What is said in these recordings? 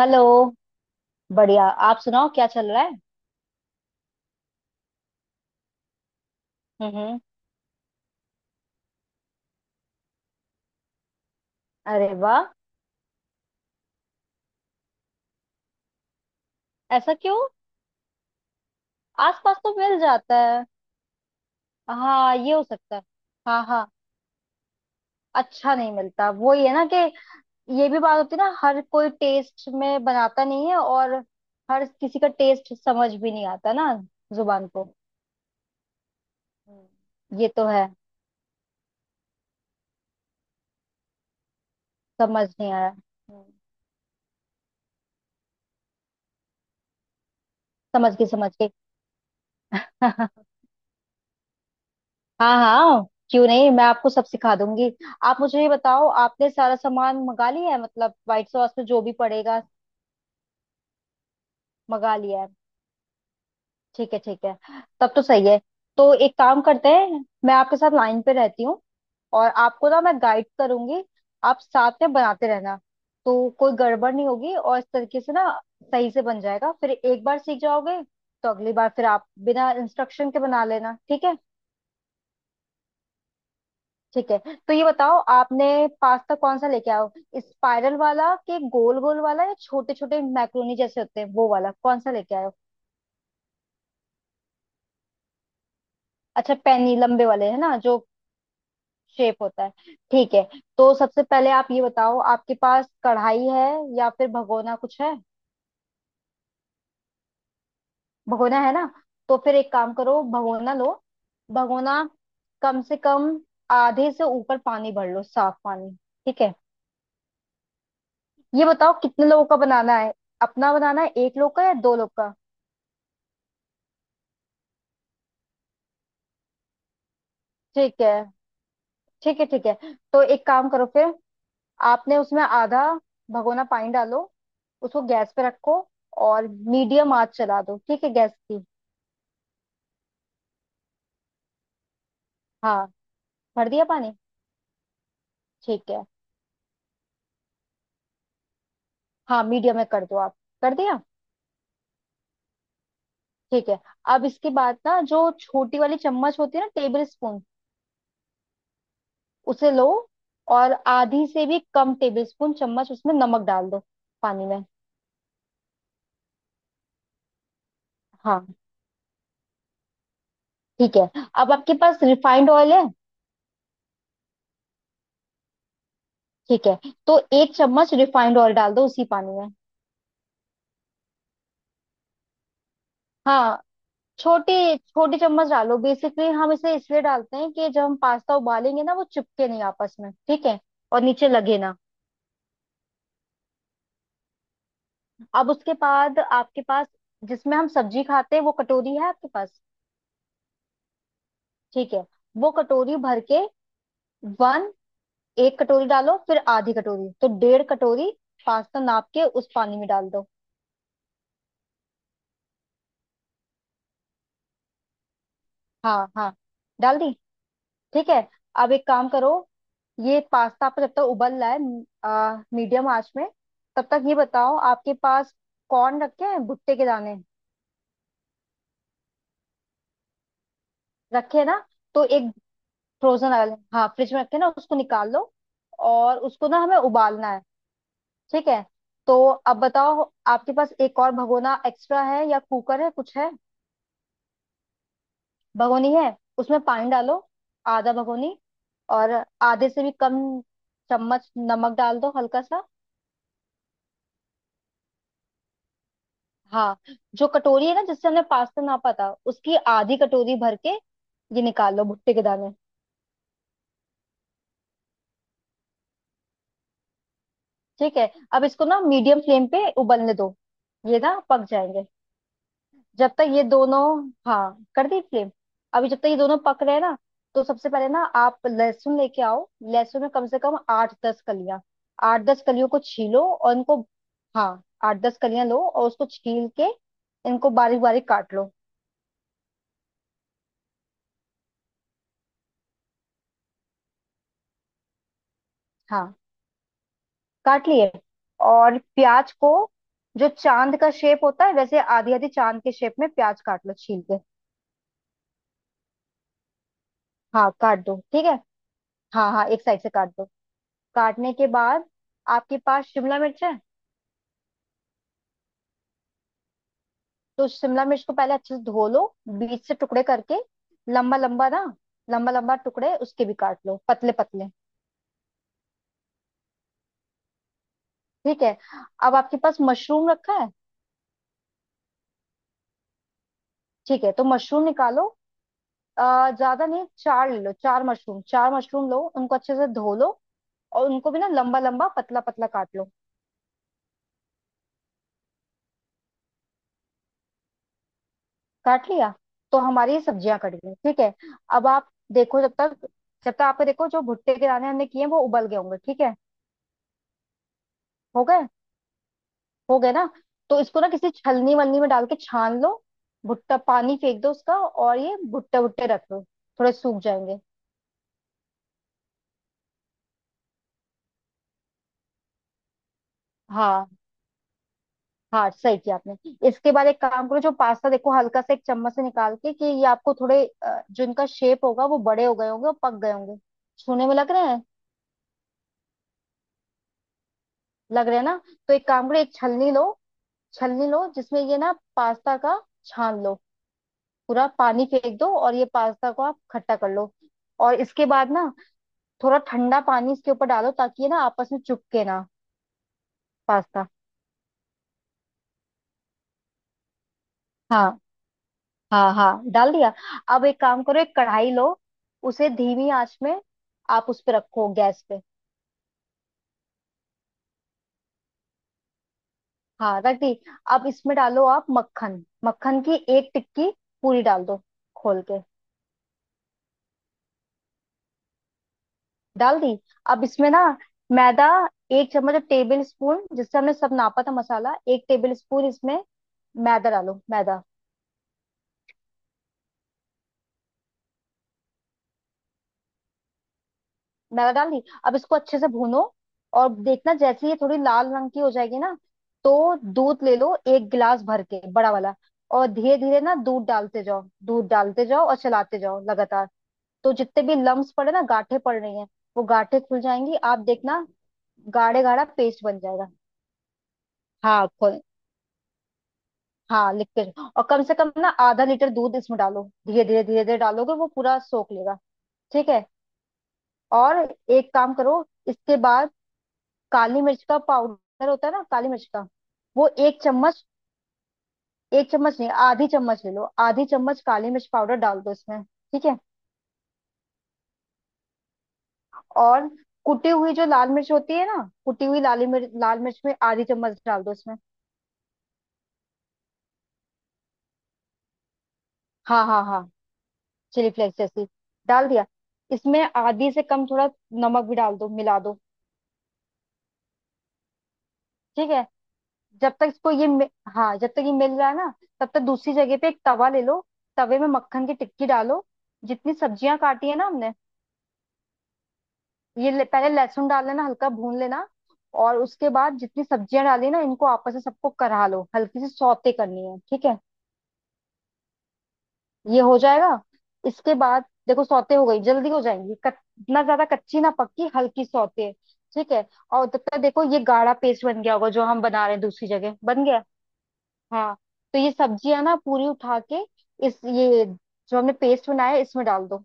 Hello. बढ़िया। आप सुनाओ क्या चल रहा है। हम्म, अरे वाह। ऐसा क्यों। आसपास तो मिल जाता है। हाँ ये हो सकता है। हाँ हाँ, अच्छा नहीं मिलता वो ये ना कि ये भी बात होती है ना, हर कोई टेस्ट में बनाता नहीं है। और हर किसी का टेस्ट समझ भी नहीं आता ना, जुबान को। ये तो है। समझ नहीं आया। हम्म। समझ के समझ के। हाँ हाँ, क्यों नहीं, मैं आपको सब सिखा दूंगी। आप मुझे ये बताओ आपने सारा सामान मंगा लिया है मतलब व्हाइट सॉस में जो भी पड़ेगा। मंगा लिया है। ठीक है ठीक है, तब तो सही है। तो एक काम करते हैं, मैं आपके साथ लाइन पे रहती हूँ और आपको ना मैं गाइड करूंगी। आप साथ में बनाते रहना, तो कोई गड़बड़ नहीं होगी और इस तरीके से ना सही से बन जाएगा। फिर एक बार सीख जाओगे तो अगली बार फिर आप बिना इंस्ट्रक्शन के बना लेना, ठीक है। ठीक है, तो ये बताओ आपने पास्ता कौन सा लेके आओ, स्पाइरल वाला कि गोल गोल वाला या छोटे छोटे मैक्रोनी जैसे होते हैं वो वाला, कौन सा लेके आयो। अच्छा, पैनी लंबे वाले है ना जो शेप होता है। ठीक है। तो सबसे पहले आप ये बताओ आपके पास कढ़ाई है या फिर भगोना कुछ है। भगोना है ना, तो फिर एक काम करो, भगोना लो। भगोना कम से कम आधे से ऊपर पानी भर लो, साफ पानी। ठीक है। ये बताओ कितने लोगों का बनाना है, अपना बनाना है एक लोग का या दो लोग का। ठीक है, ठीक है ठीक है। तो एक काम करो फिर, आपने उसमें आधा भगोना पानी डालो। उसको गैस पे रखो और मीडियम आंच चला दो, ठीक है गैस की। हाँ, भर दिया पानी। ठीक है। हाँ, मीडियम में कर दो आप। कर दिया। ठीक है। अब इसके बाद ना जो छोटी वाली चम्मच होती है ना, टेबल स्पून, उसे लो और आधी से भी कम टेबल स्पून चम्मच उसमें नमक डाल दो, पानी में। हाँ। ठीक है। अब आपके पास रिफाइंड ऑयल है। ठीक है, तो एक चम्मच रिफाइंड ऑयल डाल दो उसी पानी में। हाँ। छोटी, छोटी चम्मच डालो। बेसिकली हम इसे इसलिए डालते हैं कि जब हम पास्ता उबालेंगे ना वो चिपके नहीं आपस में, ठीक है, और नीचे लगे ना। अब उसके बाद आपके पास जिसमें हम सब्जी खाते हैं वो कटोरी है आपके पास। ठीक है। वो कटोरी भर के, वन, एक कटोरी डालो, फिर आधी कटोरी, तो डेढ़ कटोरी पास्ता नाप के उस पानी में डाल दो। हाँ हाँ, डाल दी। ठीक है। अब एक काम करो, ये पास्ता आपका जब तक उबल रहा है मीडियम आंच में, तब तक ये बताओ आपके पास कॉर्न रखे हैं, भुट्टे के दाने। रखे हैं ना, तो एक, फ्रोजन वाले, हाँ फ्रिज में रखे हैं ना, उसको निकाल लो और उसको ना हमें उबालना है। ठीक है। तो अब बताओ आपके पास एक और भगोना एक्स्ट्रा है या कुकर है, कुछ है। भगोनी है, उसमें पानी डालो, आधा भगोनी। और आधे से भी कम चम्मच नमक डाल दो, हल्का सा। हाँ। जो कटोरी है ना जिससे हमने पास्ता नापा था उसकी आधी कटोरी भर के ये निकाल लो, भुट्टे के दाने। ठीक है, अब इसको ना मीडियम फ्लेम पे उबलने दो, ये ना पक जाएंगे। जब तक ये दोनों, हाँ कर दी फ्लेम। अभी जब तक ये दोनों पक रहे हैं ना, तो सबसे पहले ना आप लहसुन लेके आओ, लहसुन में कम से कम 8-10 कलियां। 8-10 कलियों को छीलो और इनको, हाँ 8-10 कलियां लो और उसको छील के इनको बारीक बारीक काट लो। हाँ, काट लिए। और प्याज को, जो चांद का शेप होता है वैसे आधी आधी चांद के शेप में प्याज काट लो, छील के। हाँ काट दो, ठीक है, हाँ हाँ, एक साइड से काट दो। काटने के बाद आपके पास शिमला मिर्च है। तो शिमला मिर्च को पहले अच्छे से धो लो, बीच से टुकड़े करके लंबा लंबा ना, लंबा लंबा टुकड़े उसके भी काट लो पतले पतले। ठीक है। अब आपके पास मशरूम रखा है। ठीक है, तो मशरूम निकालो। ज्यादा नहीं, चार ले लो, 4 मशरूम, 4 मशरूम लो, उनको अच्छे से धो लो और उनको भी ना लंबा लंबा पतला पतला काट लो। काट लिया। तो हमारी ये सब्जियां कट गई, ठीक है। अब आप देखो जब तक, जब तक आपको देखो जो भुट्टे के दाने हमने किए हैं वो उबल गए होंगे ठीक है। हो गए, हो गए ना। तो इसको ना किसी छलनी वलनी में डाल के छान लो, भुट्टा पानी फेंक दो उसका और ये भुट्टे भुट्टे रख लो, थोड़े सूख जाएंगे। हाँ, हाँ सही किया आपने। इसके बाद एक काम करो, जो पास्ता देखो हल्का सा एक चम्मच से निकाल के कि ये आपको थोड़े जो इनका शेप होगा वो बड़े हो गए होंगे और पक गए होंगे, छूने में लग रहे हैं। लग रहे हैं ना। तो एक काम करो, एक छलनी लो, छलनी लो जिसमें ये ना पास्ता का छान लो, पूरा पानी फेंक दो और ये पास्ता को आप खट्टा कर लो। और इसके बाद ना थोड़ा ठंडा पानी इसके ऊपर डालो ताकि ये ना आपस में चिपके ना, पास्ता। हाँ, हाँ हाँ, डाल दिया। अब एक काम करो, एक कढ़ाई लो, उसे धीमी आंच में आप उस पे रखो, गैस पे। हाँ, रख दी। अब इसमें डालो आप मक्खन, मक्खन की एक टिक्की पूरी डाल दो, खोल के। डाल दी। अब इसमें ना मैदा, एक चम्मच टेबल स्पून जिससे हमने सब नापा था मसाला, एक टेबल स्पून इसमें मैदा डालो, मैदा। मैदा डाल दी, अब इसको अच्छे से भूनो। और देखना जैसे ये थोड़ी लाल रंग की हो जाएगी ना, तो दूध ले लो एक गिलास भर के बड़ा वाला, और धीरे धीरे ना दूध डालते जाओ, दूध डालते जाओ और चलाते जाओ लगातार। तो जितने भी लम्स पड़े ना, गांठें पड़ रही हैं, वो गांठें खुल जाएंगी आप देखना। गाढ़े गाढ़ा पेस्ट बन जाएगा। हाँ, हाँ लिखते जाओ, और कम से कम ना आधा लीटर दूध इसमें डालो धीरे धीरे धीरे धीरे, डालोगे वो पूरा सोख लेगा। ठीक है। और एक काम करो इसके बाद, काली मिर्च का पाउडर होता है ना, काली मिर्च का, वो एक चम्मच, एक चम्मच नहीं आधी चम्मच ले लो, आधी चम्मच काली मिर्च पाउडर डाल दो इसमें, ठीक है। और कुटी हुई जो लाल मिर्च होती है ना, कुटी हुई लाली मिर्च लाल मिर्च में आधी चम्मच डाल दो इसमें। हाँ हाँ हाँ, चिली फ्लेक्स जैसी। डाल दिया। इसमें आधी से कम थोड़ा नमक भी डाल दो, मिला दो। ठीक है। जब तक इसको ये हाँ जब तक ये मिल रहा है ना, तब तक दूसरी जगह पे एक तवा ले लो। तवे में मक्खन की टिक्की डालो। जितनी सब्जियां काटी है ना हमने, ये ले, पहले लहसुन डाल लेना, हल्का भून लेना। और उसके बाद जितनी सब्जियां डाली ना इनको आपस में सबको करा लो, हल्की सी सौते करनी है, ठीक है। ये हो जाएगा। इसके बाद देखो सौते हो गई जल्दी हो जाएंगी ना ज्यादा कच्ची ना पक्की, हल्की सौते। ठीक है। और तब तक देखो ये गाढ़ा पेस्ट बन गया होगा जो हम बना रहे हैं दूसरी जगह, बन गया। हाँ। तो ये सब्जियां ना पूरी उठा के इस ये जो हमने पेस्ट बनाया है, इसमें डाल दो।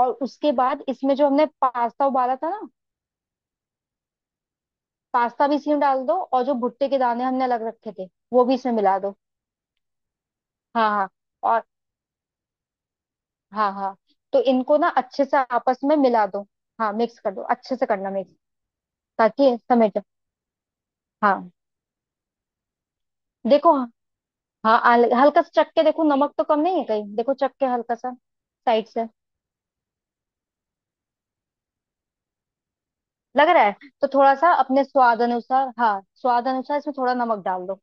और उसके बाद इसमें जो हमने पास्ता उबाला था ना, पास्ता भी इसमें डाल दो और जो भुट्टे के दाने हमने अलग रखे थे वो भी इसमें मिला दो। हाँ हाँ। और हाँ हाँ, तो इनको ना अच्छे से आपस में मिला दो। हाँ मिक्स कर दो, अच्छे से करना मिक्स, ताकि समेट। हाँ, देखो। हाँ हल्का सा चख के देखो नमक तो कम नहीं है कहीं, देखो चख के हल्का सा, साइड से। लग रहा है, तो थोड़ा सा अपने स्वाद अनुसार, हाँ स्वाद अनुसार इसमें थोड़ा नमक डाल दो।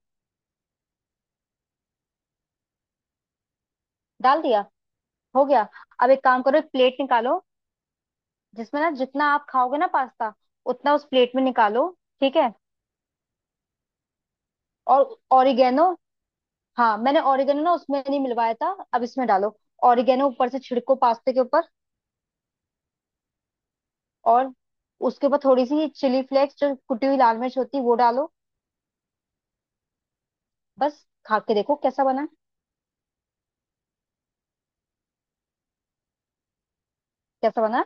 डाल दिया। हो गया। अब एक काम करो, एक प्लेट निकालो जिसमें ना जितना आप खाओगे ना पास्ता, उतना उस प्लेट में निकालो। ठीक है। और ऑरिगेनो, हाँ मैंने ऑरिगेनो ना उसमें नहीं मिलवाया था, अब इसमें डालो। ऑरिगेनो ऊपर से छिड़को, पास्ते के ऊपर। और उसके ऊपर थोड़ी सी चिली फ्लेक्स जो कुटी हुई लाल मिर्च होती है वो डालो। बस, खा के देखो कैसा बना। कैसा बना,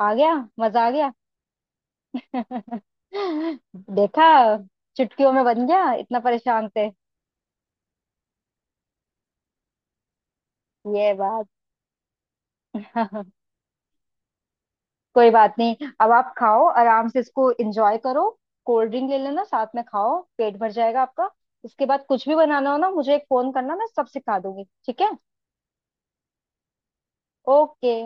आ गया। मजा आ गया। देखा, चुटकियों में बन गया, इतना परेशान थे। ये बात। कोई बात नहीं, अब आप खाओ आराम से, इसको एंजॉय करो। कोल्ड ड्रिंक ले लेना साथ में, खाओ पेट भर जाएगा आपका। इसके बाद कुछ भी बनाना हो ना मुझे एक फोन करना, मैं सब सिखा दूंगी, ठीक है। ओके।